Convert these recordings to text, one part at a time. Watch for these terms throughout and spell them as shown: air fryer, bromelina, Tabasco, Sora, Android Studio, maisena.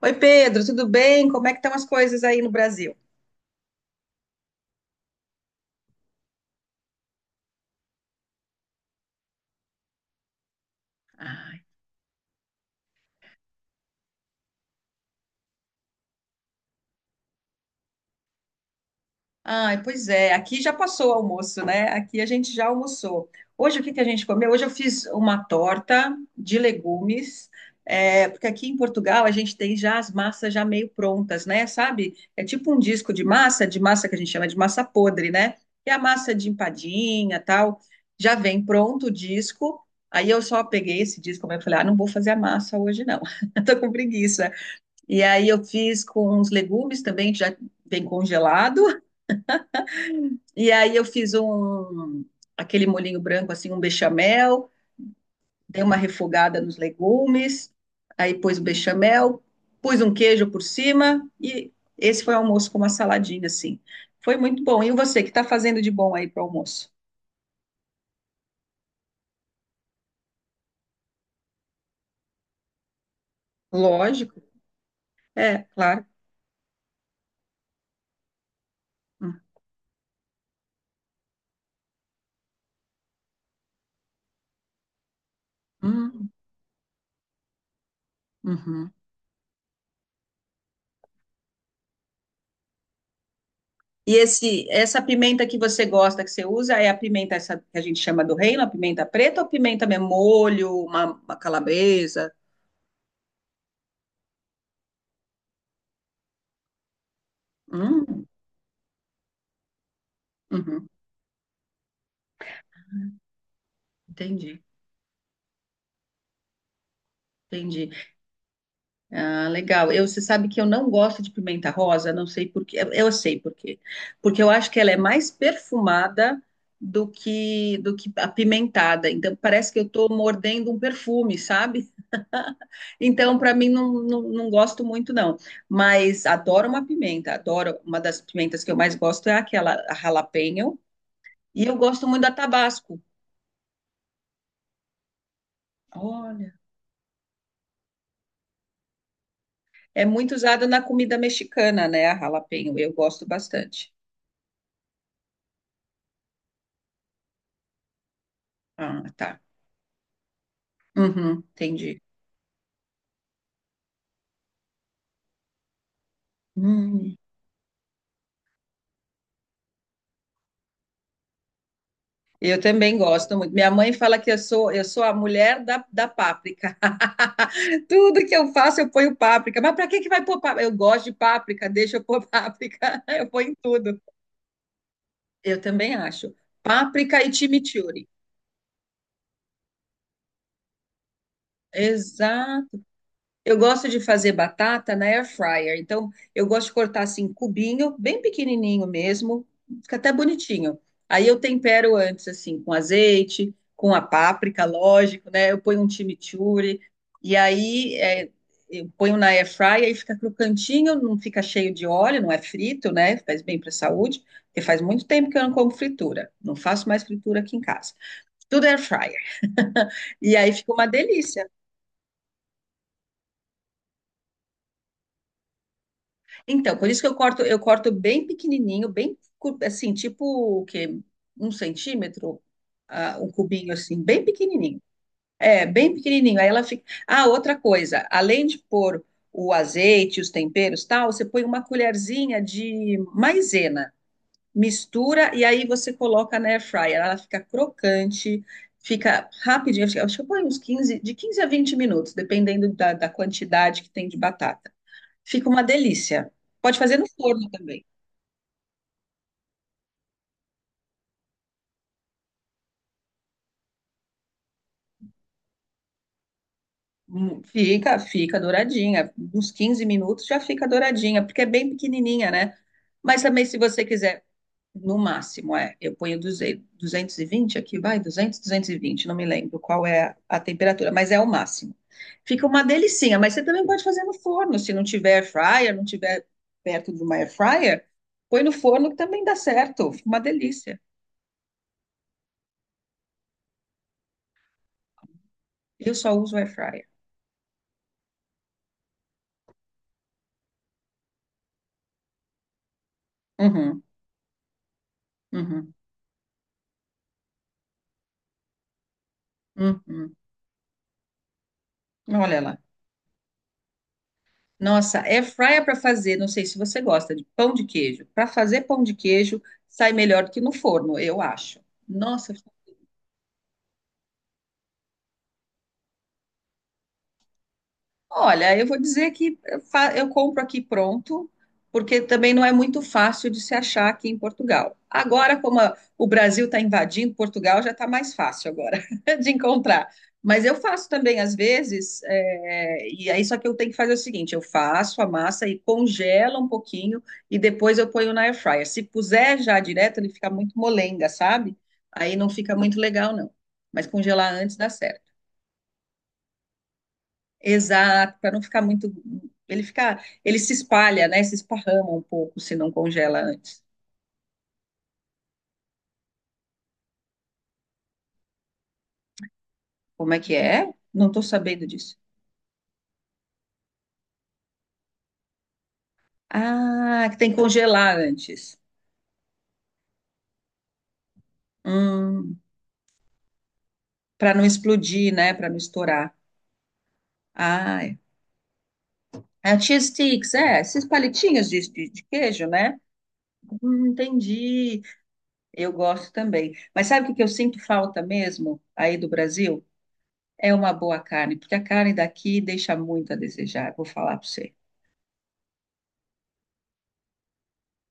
Oi, Pedro, tudo bem? Como é que estão as coisas aí no Brasil? Ai, ai, pois é, aqui já passou o almoço, né? Aqui a gente já almoçou. Hoje o que que a gente comeu? Hoje eu fiz uma torta de legumes, porque aqui em Portugal a gente tem já as massas já meio prontas, né? Sabe? É tipo um disco de massa que a gente chama de massa podre, né? Que é a massa de empadinha, tal. Já vem pronto o disco. Aí eu só peguei esse disco, e falei, ah, não vou fazer a massa hoje não. Eu tô com preguiça. E aí eu fiz com uns legumes também, que já vem congelado. E aí eu fiz aquele molhinho branco, assim, um bechamel, dei uma refogada nos legumes, aí pus o bechamel, pus um queijo por cima e esse foi o almoço com uma saladinha, assim. Foi muito bom. E você, o que está fazendo de bom aí para o almoço? Lógico. É, claro. Hum, hum, uhum. E essa pimenta que você gosta, que você usa, é a pimenta essa que a gente chama do reino, a pimenta preta ou pimenta mesmo, molho, uma calabresa? Hum, uhum, entendi, entendi. Ah, legal. Eu, você sabe que eu não gosto de pimenta rosa, não sei por quê. Eu sei por quê. Porque eu acho que ela é mais perfumada do que apimentada. Então parece que eu estou mordendo um perfume, sabe? Então, para mim, não, não, não gosto muito, não. Mas adoro uma pimenta, adoro. Uma das pimentas que eu mais gosto é aquela a jalapeño. E eu gosto muito da Tabasco. Olha, é muito usada na comida mexicana, né? A jalapeño. Eu gosto bastante. Ah, tá. Uhum, entendi. Hum, Eu também gosto muito. Minha mãe fala que eu sou a mulher da páprica. Tudo que eu faço, eu ponho páprica. Mas para que que vai pôr páprica? Eu gosto de páprica, deixa eu pôr páprica. Eu ponho em tudo. Eu também acho. Páprica e chimichurri. Exato. Eu gosto de fazer batata na air fryer. Então, eu gosto de cortar assim, cubinho, bem pequenininho mesmo. Fica até bonitinho. Aí eu tempero antes, assim, com azeite, com a páprica, lógico, né? Eu ponho um chimichurri. E aí, eu ponho na air fryer e fica crocantinho, não fica cheio de óleo, não é frito, né? Faz bem para a saúde. Porque faz muito tempo que eu não como fritura. Não faço mais fritura aqui em casa. Tudo air fryer. E aí fica uma delícia. Então, por isso que eu corto bem pequenininho, bem cu- assim, tipo o quê? 1 centímetro, ah, um cubinho assim, bem pequenininho. É, bem pequenininho. Aí ela fica. Ah, outra coisa, além de pôr o azeite, os temperos, e tal, você põe uma colherzinha de maisena, mistura e aí você coloca na air fryer. Ela fica crocante, fica rapidinho. Acho que eu ponho uns 15, de 15 a 20 minutos, dependendo da quantidade que tem de batata. Fica uma delícia. Pode fazer no forno também. Fica, fica douradinha. Uns 15 minutos já fica douradinha, porque é bem pequenininha, né? Mas também, se você quiser, no máximo, é. Eu ponho 220 aqui, vai, 220, não me lembro qual é a temperatura, mas é o máximo. Fica uma delicinha, mas você também pode fazer no forno, se não tiver air fryer, não tiver perto de uma air fryer, põe no forno que também dá certo. Fica uma delícia. Eu só uso air fryer. Uhum, uhum, uhum. Olha lá. Nossa, air fryer para fazer, não sei se você gosta de pão de queijo. Para fazer pão de queijo, sai melhor do que no forno, eu acho. Nossa, olha, eu vou dizer que eu fa- eu compro aqui pronto, porque também não é muito fácil de se achar aqui em Portugal. Agora, como a- o Brasil está invadindo Portugal, já está mais fácil agora de encontrar. Mas eu faço também às vezes, e aí só que eu tenho que fazer o seguinte: eu faço a massa e congela um pouquinho e depois eu ponho na air fryer. Se puser já direto, ele fica muito molenga, sabe? Aí não fica muito legal, não. Mas congelar antes dá certo. Exato, para não ficar muito. Ele fica, ele se espalha, né? Se esparrama um pouco se não congela antes. Como é que é? Não estou sabendo disso. Ah, que tem que congelar antes. Hum, para não explodir, né? Para não estourar. Ah, é. Ah, cheese sticks, é, esses palitinhos de queijo, né? Entendi. Eu gosto também. Mas sabe o que que eu sinto falta mesmo aí do Brasil? É uma boa carne, porque a carne daqui deixa muito a desejar, vou falar para você.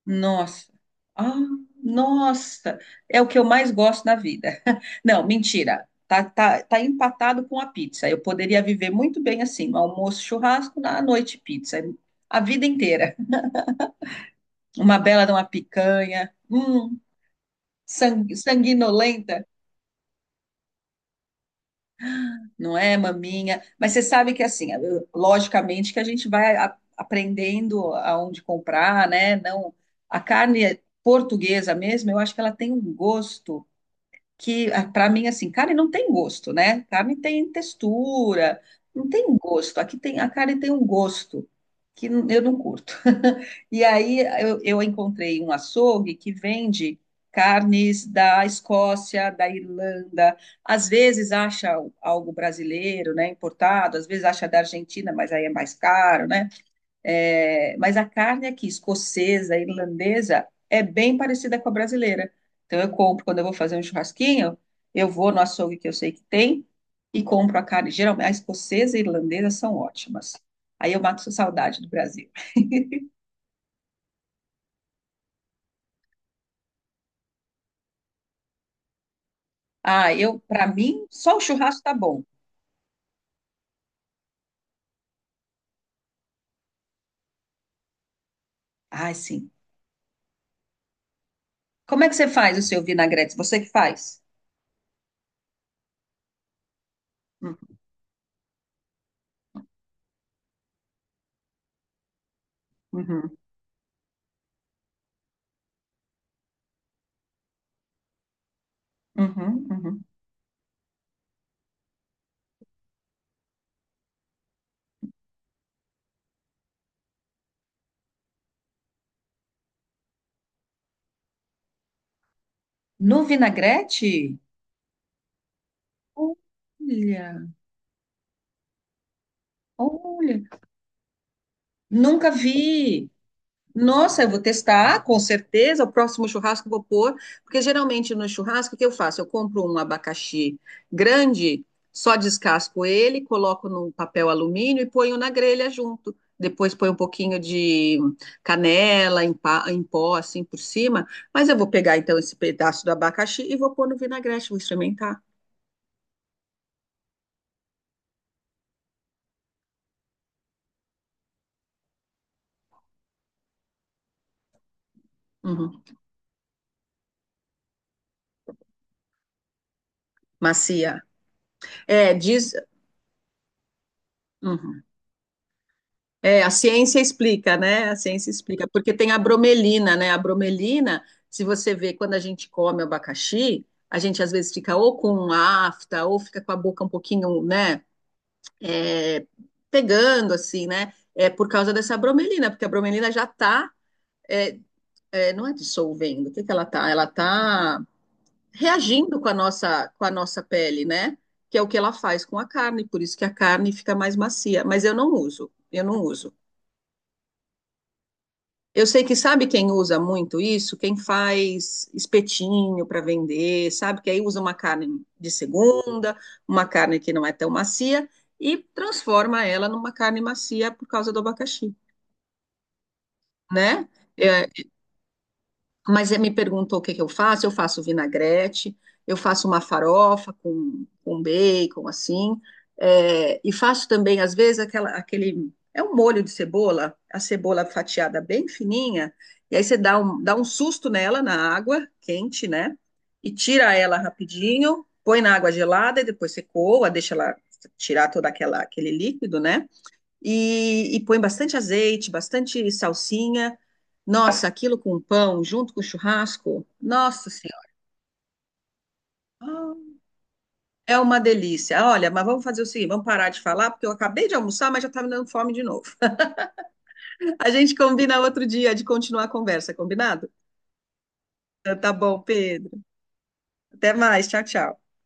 Nossa. Ah, nossa. É o que eu mais gosto na vida. Não, mentira. Tá, tá, tá empatado com a pizza. Eu poderia viver muito bem assim, no almoço, churrasco, na noite, pizza. A vida inteira. Uma bela de uma picanha. Sang- sanguinolenta, não é, maminha? Mas você sabe que assim, eu- logicamente que a gente vai a- aprendendo aonde comprar, né? Não, a carne portuguesa mesmo, eu acho que ela tem um gosto. Que para mim assim, carne não tem gosto, né? Carne tem textura, não tem gosto. Aqui tem a carne tem um gosto que n- eu não curto. E aí eu encontrei um açougue que vende carnes da Escócia, da Irlanda, às vezes acha algo brasileiro, né, importado, às vezes acha da Argentina, mas aí é mais caro, né? É, mas a carne aqui, escocesa, irlandesa, é bem parecida com a brasileira. Então, eu compro, quando eu vou fazer um churrasquinho, eu vou no açougue que eu sei que tem e compro a carne. Geralmente, a escocesa e a irlandesa são ótimas. Aí eu mato saudade do Brasil. Ah, eu, para mim, só o churrasco tá bom. Ah, sim. Como é que você faz o seu vinagrete? Você que faz? Uhum, uhum, uhum, uhum. No vinagrete? Olha, olha. Nunca vi. Nossa, eu vou testar, com certeza. O próximo churrasco eu vou pôr, porque geralmente no churrasco o que eu faço? Eu compro um abacaxi grande, só descasco ele, coloco num papel alumínio e ponho na grelha junto. Depois ponho um pouquinho de canela em, pa- em pó, assim por cima. Mas eu vou pegar então esse pedaço do abacaxi e vou pôr no vinagrete, vou experimentar. Uhum. Macia. É, diz. Uhum. É, a ciência explica, né? A ciência explica, porque tem a bromelina, né? A bromelina, se você vê quando a gente come abacaxi, a gente às vezes fica ou com afta, ou fica com a boca um pouquinho, né? é, Pegando, assim, né? É por causa dessa bromelina, porque a bromelina já tá, é, não é dissolvendo, o que que ela tá? Ela tá reagindo com a nossa pele, né? Que é o que ela faz com a carne, por isso que a carne fica mais macia, mas eu não uso, eu não uso. Eu sei que sabe quem usa muito isso? Quem faz espetinho para vender, sabe? Que aí usa uma carne de segunda, uma carne que não é tão macia e transforma ela numa carne macia por causa do abacaxi, né? É, mas ele me perguntou o que que eu faço. Eu faço vinagrete, eu faço uma farofa com bacon, assim. É, e faço também, às vezes, aquela, aquele. É um molho de cebola, a cebola fatiada bem fininha. E aí você dá um susto nela na água quente, né? E tira ela rapidinho, põe na água gelada e depois você coa, deixa ela tirar todo aquela, aquele líquido, né? E, e põe bastante azeite, bastante salsinha. Nossa, aquilo com pão, junto com churrasco, nossa senhora, ah, é uma delícia. Olha, mas vamos fazer o seguinte, vamos parar de falar, porque eu acabei de almoçar, mas já tá me dando fome de novo. A gente combina outro dia de continuar a conversa, combinado? Então, tá bom, Pedro. Até mais, tchau, tchau.